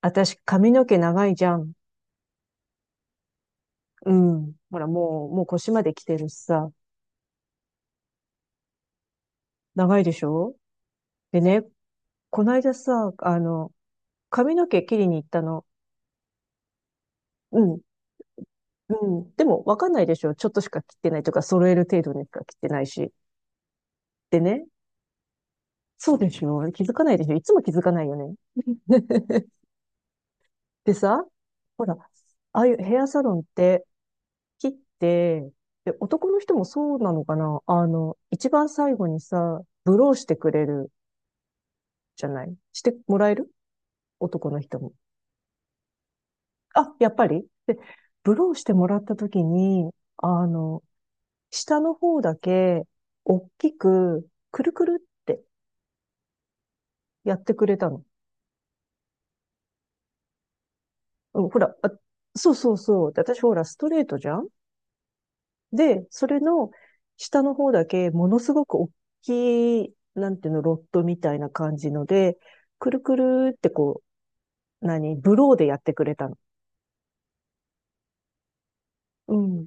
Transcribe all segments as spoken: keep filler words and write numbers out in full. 私、髪の毛長いじゃん。うん。ほら、もう、もう腰まで来てるしさ。長いでしょ？でね、こないださ、あの、髪の毛切りに行ったの。うん。うん。でも、わかんないでしょ？ちょっとしか切ってないとか、揃える程度にしか切ってないし。でね、そうでしょ？気づかないでしょ？いつも気づかないよね。でさ、ほら、ああいうヘアサロンって切って、で、男の人もそうなのかなあの、一番最後にさ、ブローしてくれるじゃないしてもらえる？男の人も。あ、やっぱり？で、ブローしてもらった時に、あの、下の方だけ、大きく、くるくるってやってくれたの。うん、ほら、あ、そうそうそう。で私ほら、ストレートじゃん。で、それの下の方だけ、ものすごく大きい、なんていうの、ロットみたいな感じので、くるくるってこう、何、ブローでやってくれたの。うん。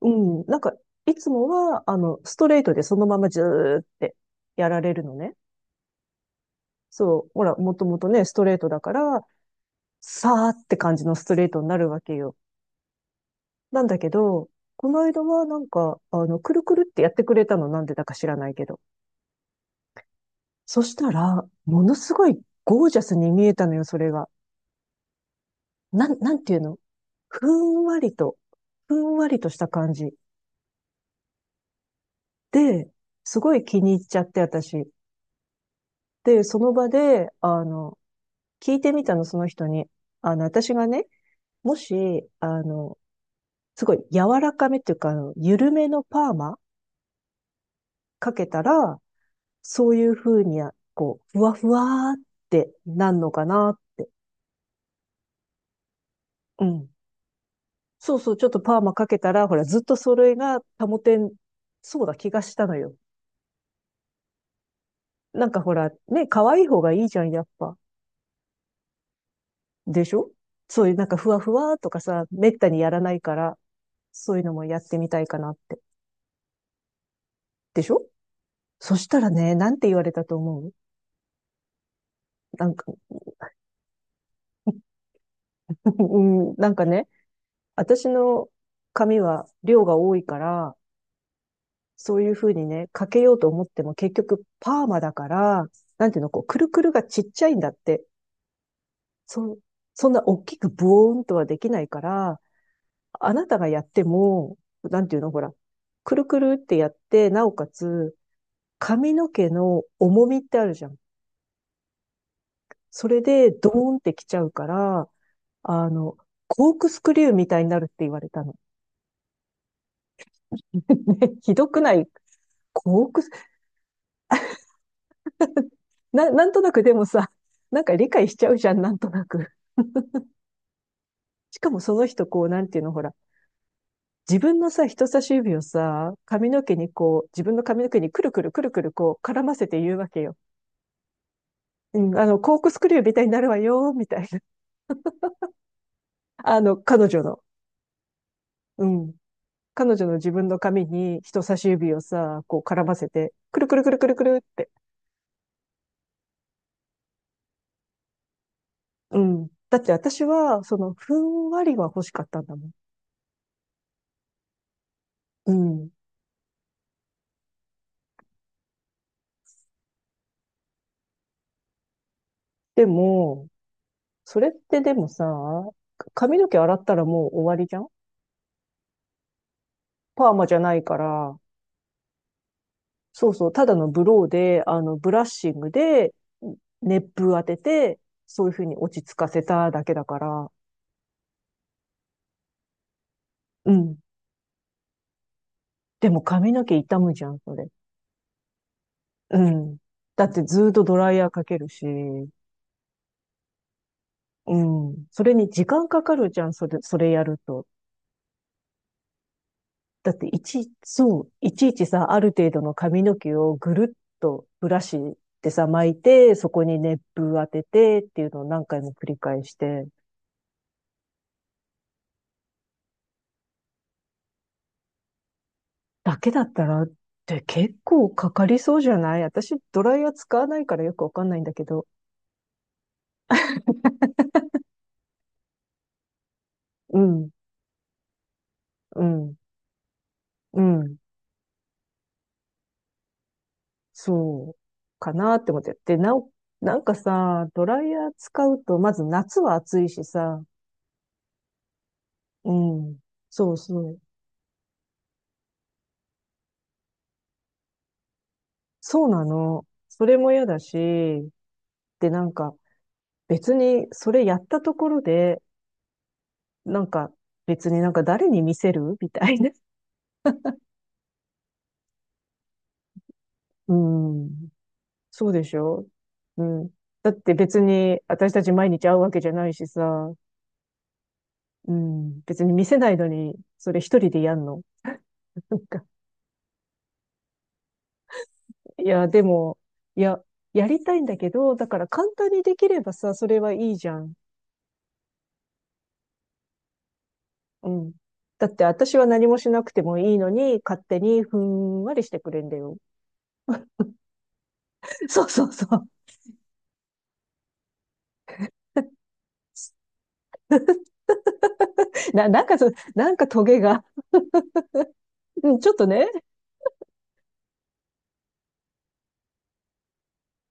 うん。なんか、いつもは、あの、ストレートでそのままずーってやられるのね。そう。ほら、もともとね、ストレートだから、さーって感じのストレートになるわけよ。なんだけど、この間はなんか、あの、くるくるってやってくれたの、なんでだか知らないけど。そしたら、ものすごいゴージャスに見えたのよ、それが。なん、なんていうの？ふんわりと、ふんわりとした感じ。で、すごい気に入っちゃって、私。で、その場で、あの、聞いてみたの、その人に。あの、私がね、もし、あの、すごい柔らかめっていうか、あの、緩めのパーマかけたら、そういう風に、こう、ふわふわーってなんのかな。うん。そうそう、ちょっとパーマかけたら、ほら、ずっとそれが保てん、そうだ気がしたのよ。なんかほら、ね、可愛い方がいいじゃん、やっぱ。でしょ？そういうなんかふわふわーとかさ、めったにやらないから、そういうのもやってみたいかなって。でしょ？そしたらね、なんて言われたと思う？なんか、うん、なんかね、私の髪は量が多いから、そういうふうにね、かけようと思っても結局パーマだから、なんていうの、こう、くるくるがちっちゃいんだって。そ、そんな大きくブオーンとはできないから、あなたがやっても、なんていうの、ほら、くるくるってやって、なおかつ、髪の毛の重みってあるじゃん。それでドーンってきちゃうから、あの、コークスクリューみたいになるって言われたの。ね、ひどくない？コークス、な、なんとなくでもさ、なんか理解しちゃうじゃん、なんとなく。しかもその人、こう、なんていうの、ほら、自分のさ、人差し指をさ、髪の毛にこう、自分の髪の毛にくるくるくるくるこう、絡ませて言うわけよ。うん、あの、コークスクリューみたいになるわよ、みたいな。あの、彼女の、うん。彼女の自分の髪に人差し指をさ、こう絡ませて、くるくるくるくるくるって。うん。だって私は、その、ふんわりは欲しかったんだもん。うん。でも、それってでもさ、髪の毛洗ったらもう終わりじゃん。パーマじゃないから、そうそう、ただのブローで、あの、ブラッシングで、熱風当てて、そういうふうに落ち着かせただけだから、うん。でも髪の毛傷むじゃん、それ。うん。だってずーっとドライヤーかけるし、うん。それに時間かかるじゃん、それ、それやると。だっていち、そう、いちいちさ、ある程度の髪の毛をぐるっとブラシでさ、巻いて、そこに熱風当ててっていうのを何回も繰り返して、だけだったらって結構かかりそうじゃない？私、ドライヤー使わないからよくわかんないんだけど、うん、うん、うん、そう、かなって思って。で、なお、なんかさ、ドライヤー使うと、まず夏は暑いしさ、うん、そうそう、そうなの。それも嫌だし、ってなんか別にそれやったところで、なんか別になんか誰に見せる？ みたいな。うん。そうでしょ？うん。だって別に私たち毎日会うわけじゃないしさ。うん。別に見せないのに、それ一人でやんの。なんか、いや、でも、いや、やりたいんだけど、だから簡単にできればさ、それはいいじゃん。うん。だって私は何もしなくてもいいのに、勝手にふんわりしてくれんだよ。そうそうそう。な、なんかそう、なんかトゲが、うんちょっとね、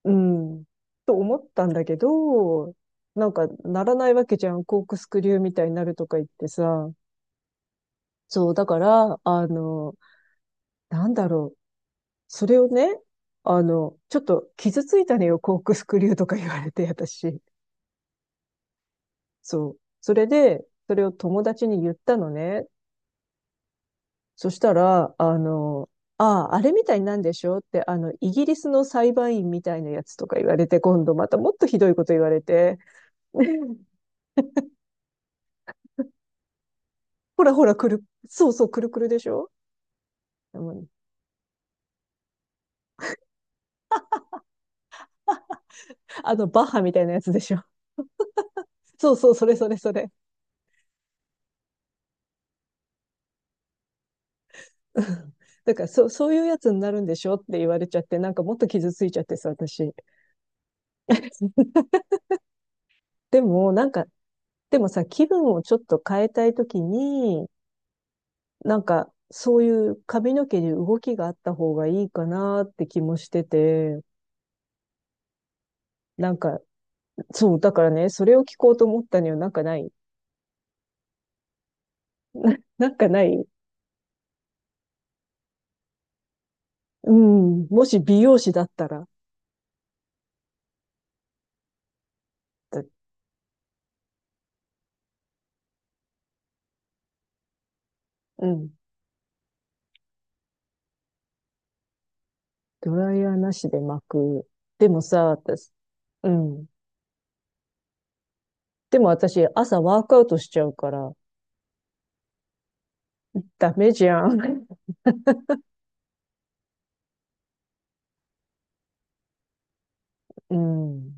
うん、と思ったんだけど、なんかならないわけじゃん。コークスクリューみたいになるとか言ってさ。そう、だから、あの、なんだろう。それをね、あの、ちょっと傷ついたのよ、コークスクリューとか言われて、私。そう。それで、それを友達に言ったのね。そしたら、あの、ああ、あれみたいになんでしょうって、あの、イギリスの裁判員みたいなやつとか言われて、今度またもっとひどいこと言われて、ほらほら、くる、そうそう、くるくるでしょ？うん、あの、バッハみたいなやつでしょ？そうそう、それそれそれ。うん、だから、そう、そういうやつになるんでしょって言われちゃって、なんかもっと傷ついちゃってさ、私。でも、なんか、でもさ、気分をちょっと変えたいときに、なんか、そういう髪の毛に動きがあった方がいいかなって気もしてて、なんか、そう、だからね、それを聞こうと思ったにはなんかない？な、なんかない？うん、もし美容師だったら、だうん、ドライヤーなしで巻く。でもさ、私、うん。でも私、朝ワークアウトしちゃうから、ダメじゃん。うん。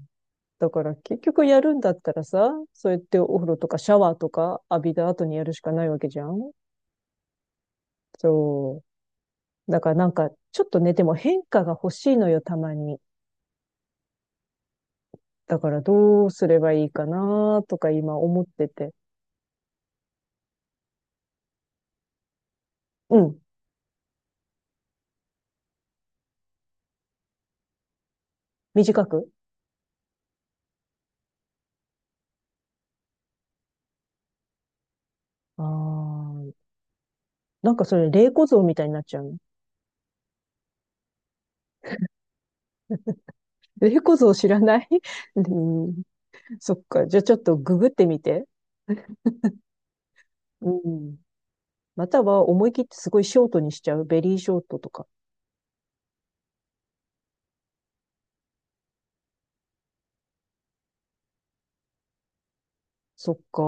だから結局やるんだったらさ、そうやってお風呂とかシャワーとか浴びた後にやるしかないわけじゃん。そう。だからなんか、ちょっとね、でも変化が欲しいのよ、たまに。だからどうすればいいかなとか今思ってて。うん、短くあーなんかそれ、霊子像みたいになっちゃうの。霊子像知らない？ うん、そっか。じゃあちょっとググってみて。うん。または思い切ってすごいショートにしちゃう。ベリーショートとか。そっか。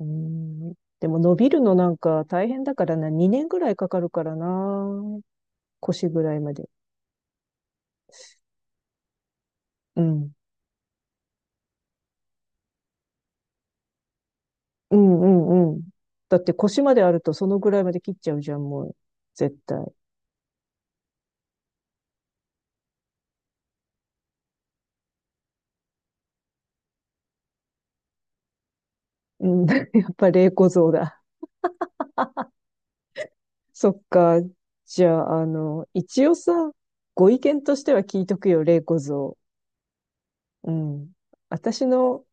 うん。でも伸びるのなんか大変だからな。にねんぐらいかかるからな。腰ぐらいまで。うん。うんうんうん。だって腰まであるとそのぐらいまで切っちゃうじゃん、もう。絶対。うん、やっぱ霊小像だ。そっか。じゃあ、あの、一応さ、ご意見としては聞いとくよ、霊小像。うん。私の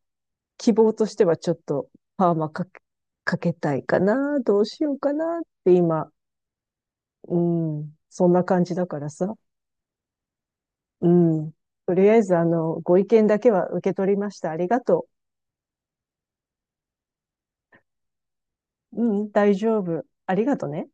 希望としてはちょっとパーマかけ、かけたいかな、どうしようかなって今、うん、そんな感じだからさ。うん。とりあえず、あの、ご意見だけは受け取りました。ありがとう。うん、大丈夫。ありがとね。